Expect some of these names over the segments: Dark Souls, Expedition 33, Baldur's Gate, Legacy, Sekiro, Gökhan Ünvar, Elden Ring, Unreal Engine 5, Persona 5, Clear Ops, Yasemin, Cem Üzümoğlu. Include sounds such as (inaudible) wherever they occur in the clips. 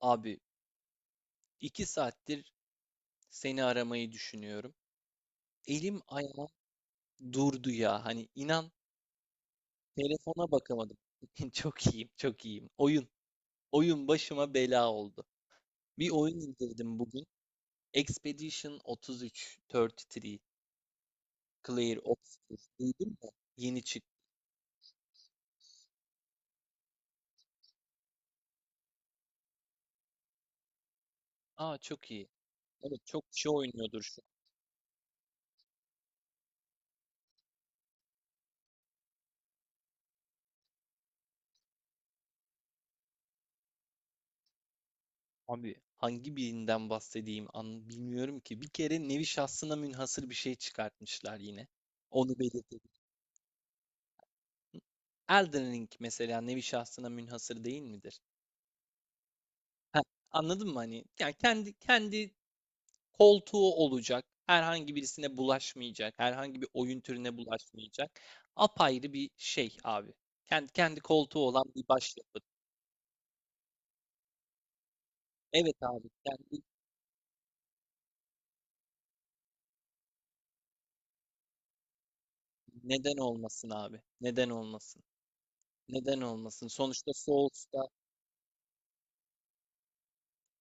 Abi 2 saattir seni aramayı düşünüyorum. Elim ayağım durdu ya. Hani inan telefona bakamadım. (laughs) Çok iyiyim, çok iyiyim. Oyun başıma bela oldu. Bir oyun indirdim bugün. Expedition 33, 33, Clear Ops. Duydun mu? Yeni çıktı. Aa çok iyi. Evet çok kişi oynuyordur şu an. Abi hangi birinden bahsedeyim an bilmiyorum ki. Bir kere nevi şahsına münhasır bir şey çıkartmışlar yine. Onu belirteyim. Elden Ring mesela nevi şahsına münhasır değil midir? Heh, anladın mı hani? Yani kendi koltuğu olacak. Herhangi birisine bulaşmayacak. Herhangi bir oyun türüne bulaşmayacak. Apayrı bir şey abi. Kendi koltuğu olan bir başyapıt. Evet abi, neden olmasın abi? Neden olmasın? Neden olmasın? Sonuçta Souls'ta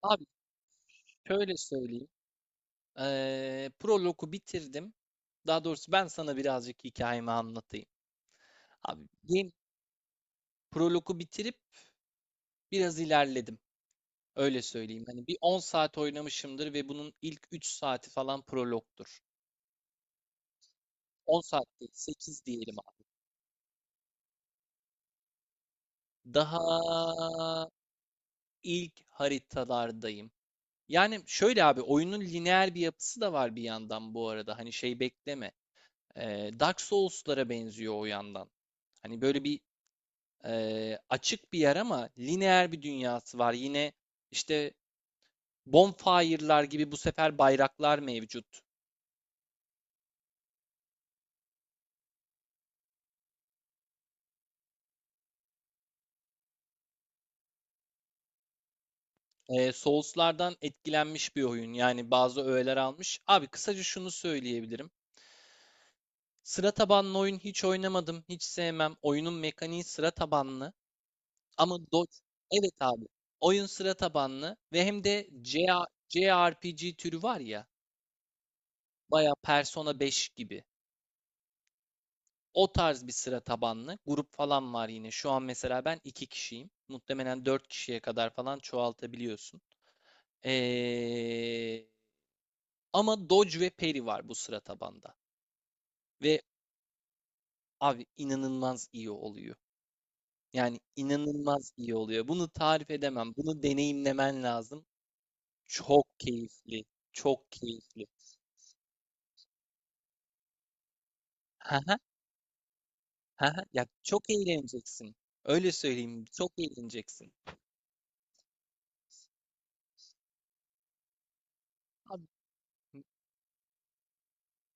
abi şöyle söyleyeyim. Prolog'u bitirdim. Daha doğrusu ben sana birazcık hikayemi anlatayım. Abi game, Prologu bitirip biraz ilerledim. Öyle söyleyeyim. Hani bir 10 saat oynamışımdır ve bunun ilk 3 saati falan prologtur. 10 saat değil, 8 diyelim abi. Daha ilk haritalardayım. Yani şöyle abi oyunun lineer bir yapısı da var bir yandan bu arada. Hani şey bekleme. Dark Souls'lara benziyor o yandan. Hani böyle bir açık bir yer ama lineer bir dünyası var. Yine işte bonfire'lar gibi bu sefer bayraklar mevcut. Souls'lardan etkilenmiş bir oyun. Yani bazı öğeler almış. Abi kısaca şunu söyleyebilirim. Sıra tabanlı oyun hiç oynamadım, hiç sevmem. Oyunun mekaniği sıra tabanlı. Ama Dodge, evet abi. Oyun sıra tabanlı ve hem de CA JRPG türü var ya, baya Persona 5 gibi. O tarz bir sıra tabanlı. Grup falan var yine. Şu an mesela ben 2 kişiyim. Muhtemelen 4 kişiye kadar falan çoğaltabiliyorsun. Eee, ama Dodge ve Peri var bu sıra tabanda. Ve abi inanılmaz iyi oluyor. Yani inanılmaz iyi oluyor. Bunu tarif edemem. Bunu deneyimlemen lazım. Çok keyifli. Çok keyifli. Haha, haha. Ya çok eğleneceksin. Öyle söyleyeyim. Çok eğleneceksin. Abi,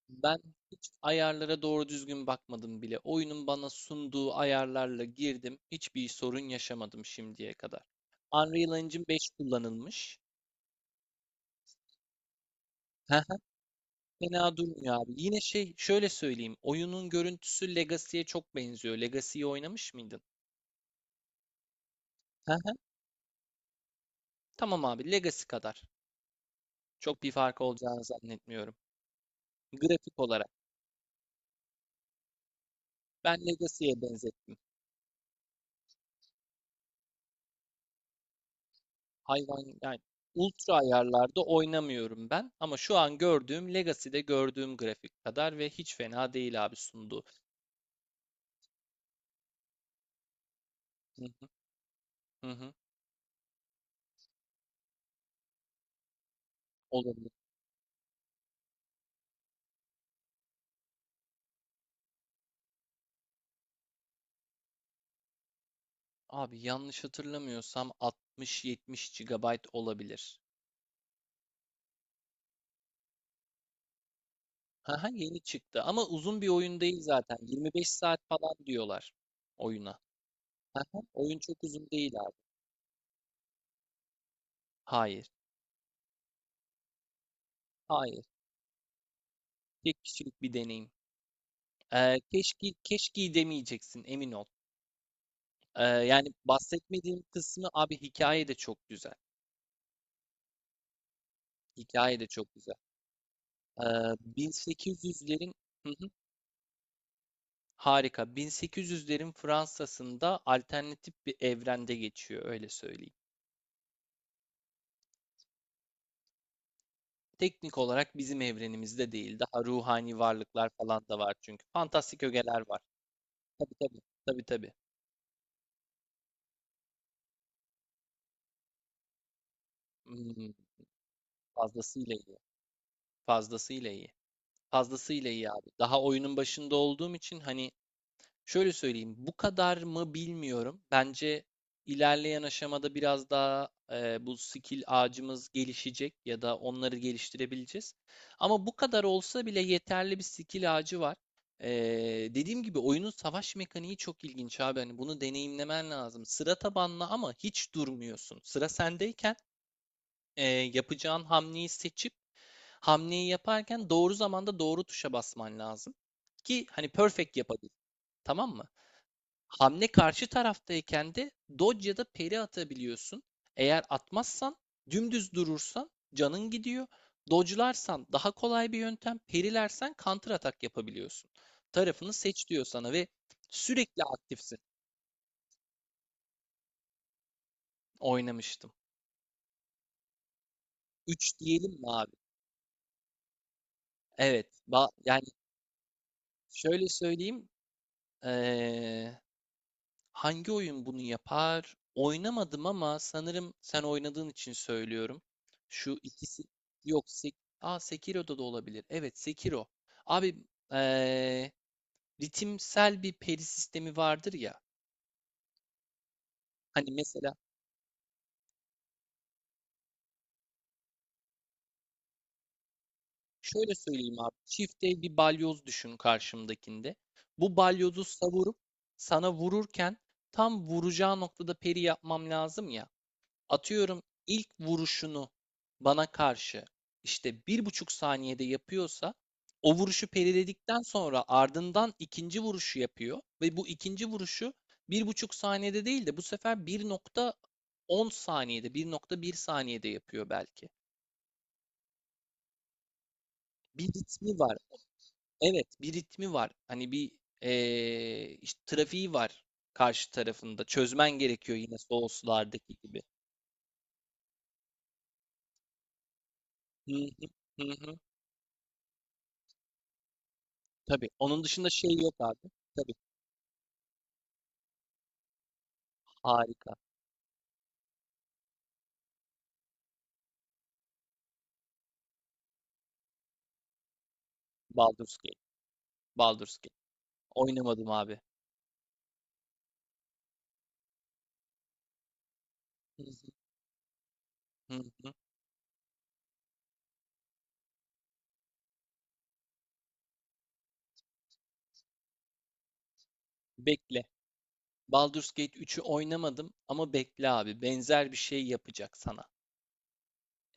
ben hiç ayarlara doğru düzgün bakmadım bile. Oyunun bana sunduğu ayarlarla girdim. Hiçbir sorun yaşamadım şimdiye kadar. Unreal Engine 5 kullanılmış. (laughs) Fena durmuyor abi. Yine şey şöyle söyleyeyim. Oyunun görüntüsü Legacy'ye çok benziyor. Legacy'yi oynamış mıydın? Hı hı. Tamam abi Legacy kadar. Çok bir farkı olacağını zannetmiyorum. Grafik olarak. Ben Legacy'ye benzettim. Hayvan yani ultra ayarlarda oynamıyorum ben ama şu an gördüğüm Legacy'de gördüğüm grafik kadar ve hiç fena değil abi sunduğu. Hı hı hı. Olabilir. Abi yanlış hatırlamıyorsam 60-70 GB olabilir. Haha, yeni çıktı ama uzun bir oyun değil zaten. 25 saat falan diyorlar oyuna. Haha, oyun çok uzun değil abi. Hayır, hayır. Tek kişilik bir deneyim. Keşke keşke demeyeceksin emin ol. Yani bahsetmediğim kısmı abi hikaye de çok güzel. Hikaye de çok güzel. Ee, 1800'lerin. Hı hı, harika. 1800'lerin Fransa'sında alternatif bir evrende geçiyor öyle söyleyeyim. Teknik olarak bizim evrenimizde değil. Daha ruhani varlıklar falan da var çünkü. Fantastik ögeler var. Tabii tabii. Tabii tabii. Hmm, fazlasıyla iyi. Fazlasıyla iyi. Fazlasıyla iyi abi. Daha oyunun başında olduğum için hani. Şöyle söyleyeyim, bu kadar mı bilmiyorum. Bence ilerleyen aşamada biraz daha bu skill ağacımız gelişecek ya da onları geliştirebileceğiz. Ama bu kadar olsa bile yeterli bir skill ağacı var. E, dediğim gibi oyunun savaş mekaniği çok ilginç abi. Hani bunu deneyimlemen lazım. Sıra tabanlı ama hiç durmuyorsun. Sıra sendeyken yapacağın hamleyi seçip hamleyi yaparken doğru zamanda doğru tuşa basman lazım ki hani perfect yapabil. Tamam mı? Hamle karşı taraftayken de dodge ya da peri atabiliyorsun. Eğer atmazsan dümdüz durursan canın gidiyor. Dodge'larsan daha kolay bir yöntem. Parry'lersen counter atak yapabiliyorsun. Tarafını seç diyor sana ve sürekli aktifsin. Oynamıştım. 3 diyelim mi abi? Evet. Yani şöyle söyleyeyim. Ee, Hangi oyun bunu yapar? Oynamadım ama sanırım sen oynadığın için söylüyorum. Şu ikisi yok. Aa, Sekiro'da da olabilir. Evet, Sekiro. Abi eee, ritimsel bir peri sistemi vardır ya. Hani mesela şöyle söyleyeyim abi. Çift el bir balyoz düşün karşımdakinde. Bu balyozu savurup sana vururken tam vuracağı noktada peri yapmam lazım ya. Atıyorum ilk vuruşunu bana karşı işte 1,5 saniyede yapıyorsa o vuruşu periledikten sonra ardından ikinci vuruşu yapıyor ve bu ikinci vuruşu 1,5 saniyede değil de bu sefer 1,10 saniyede 1,1 saniyede yapıyor belki. Bir ritmi var. Evet, bir ritmi var. Hani bir işte trafiği var karşı tarafında. Çözmen gerekiyor yine Souls'lardaki gibi. Hı hı, hı hı. Tabii. Onun dışında şey yok abi. Tabii. Harika. Baldur's Gate. Baldur's Gate. Oynamadım abi. Hı hı hı hı. Bekle. Baldur's Gate 3'ü oynamadım ama bekle abi. Benzer bir şey yapacak sana.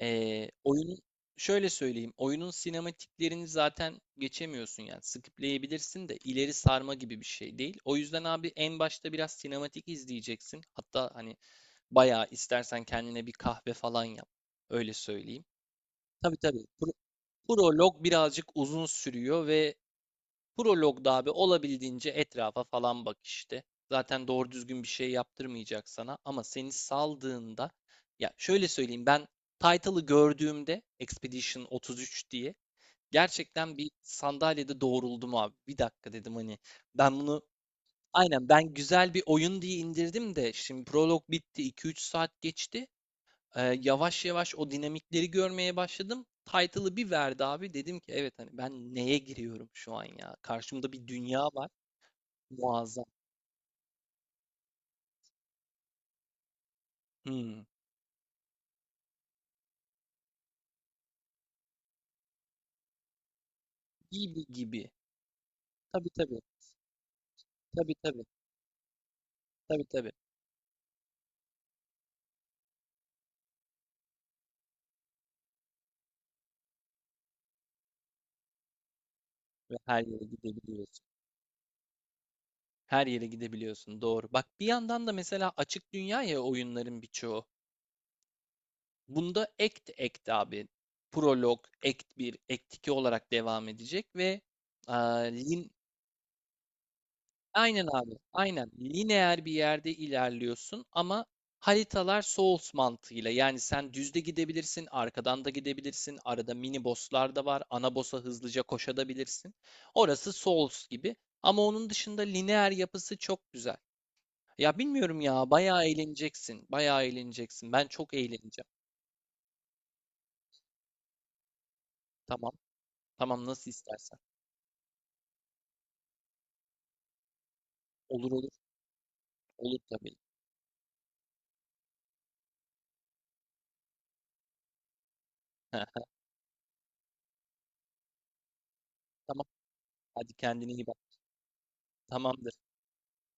Oyunun şöyle söyleyeyim. Oyunun sinematiklerini zaten geçemiyorsun yani. Skipleyebilirsin de ileri sarma gibi bir şey değil. O yüzden abi en başta biraz sinematik izleyeceksin. Hatta hani bayağı istersen kendine bir kahve falan yap. Öyle söyleyeyim. Tabii tabii. Prolog birazcık uzun sürüyor ve Prolog'da abi olabildiğince etrafa falan bak işte. Zaten doğru düzgün bir şey yaptırmayacak sana ama seni saldığında ya şöyle söyleyeyim ben title'ı gördüğümde Expedition 33 diye gerçekten bir sandalyede doğruldum abi. Bir dakika dedim hani ben bunu aynen ben güzel bir oyun diye indirdim de şimdi prolog bitti 2-3 saat geçti. Yavaş yavaş o dinamikleri görmeye başladım. Title'ı bir verdi abi. Dedim ki evet hani ben neye giriyorum şu an ya? Karşımda bir dünya var. Muazzam. Hmm. Gibi gibi. Tabii tabii. Tabii tabii. Tabii tabii. Ve her yere gidebiliyorsun. Her yere gidebiliyorsun. Doğru. Bak bir yandan da mesela açık dünya ya oyunların birçoğu. Bunda act abi. Prolog, act 1 act 2 olarak devam edecek ve aa, lin Aynen abi. Aynen. Lineer bir yerde ilerliyorsun ama haritalar Souls mantığıyla. Yani sen düzde gidebilirsin, arkadan da gidebilirsin. Arada mini bosslar da var. Ana boss'a hızlıca koşabilirsin. Orası Souls gibi. Ama onun dışında lineer yapısı çok güzel. Ya bilmiyorum ya. Bayağı eğleneceksin. Bayağı eğleneceksin. Ben çok eğleneceğim. Tamam. Tamam nasıl istersen. Olur olur. Olur tabii. (laughs) Tamam. Hadi kendine iyi bak. Tamamdır.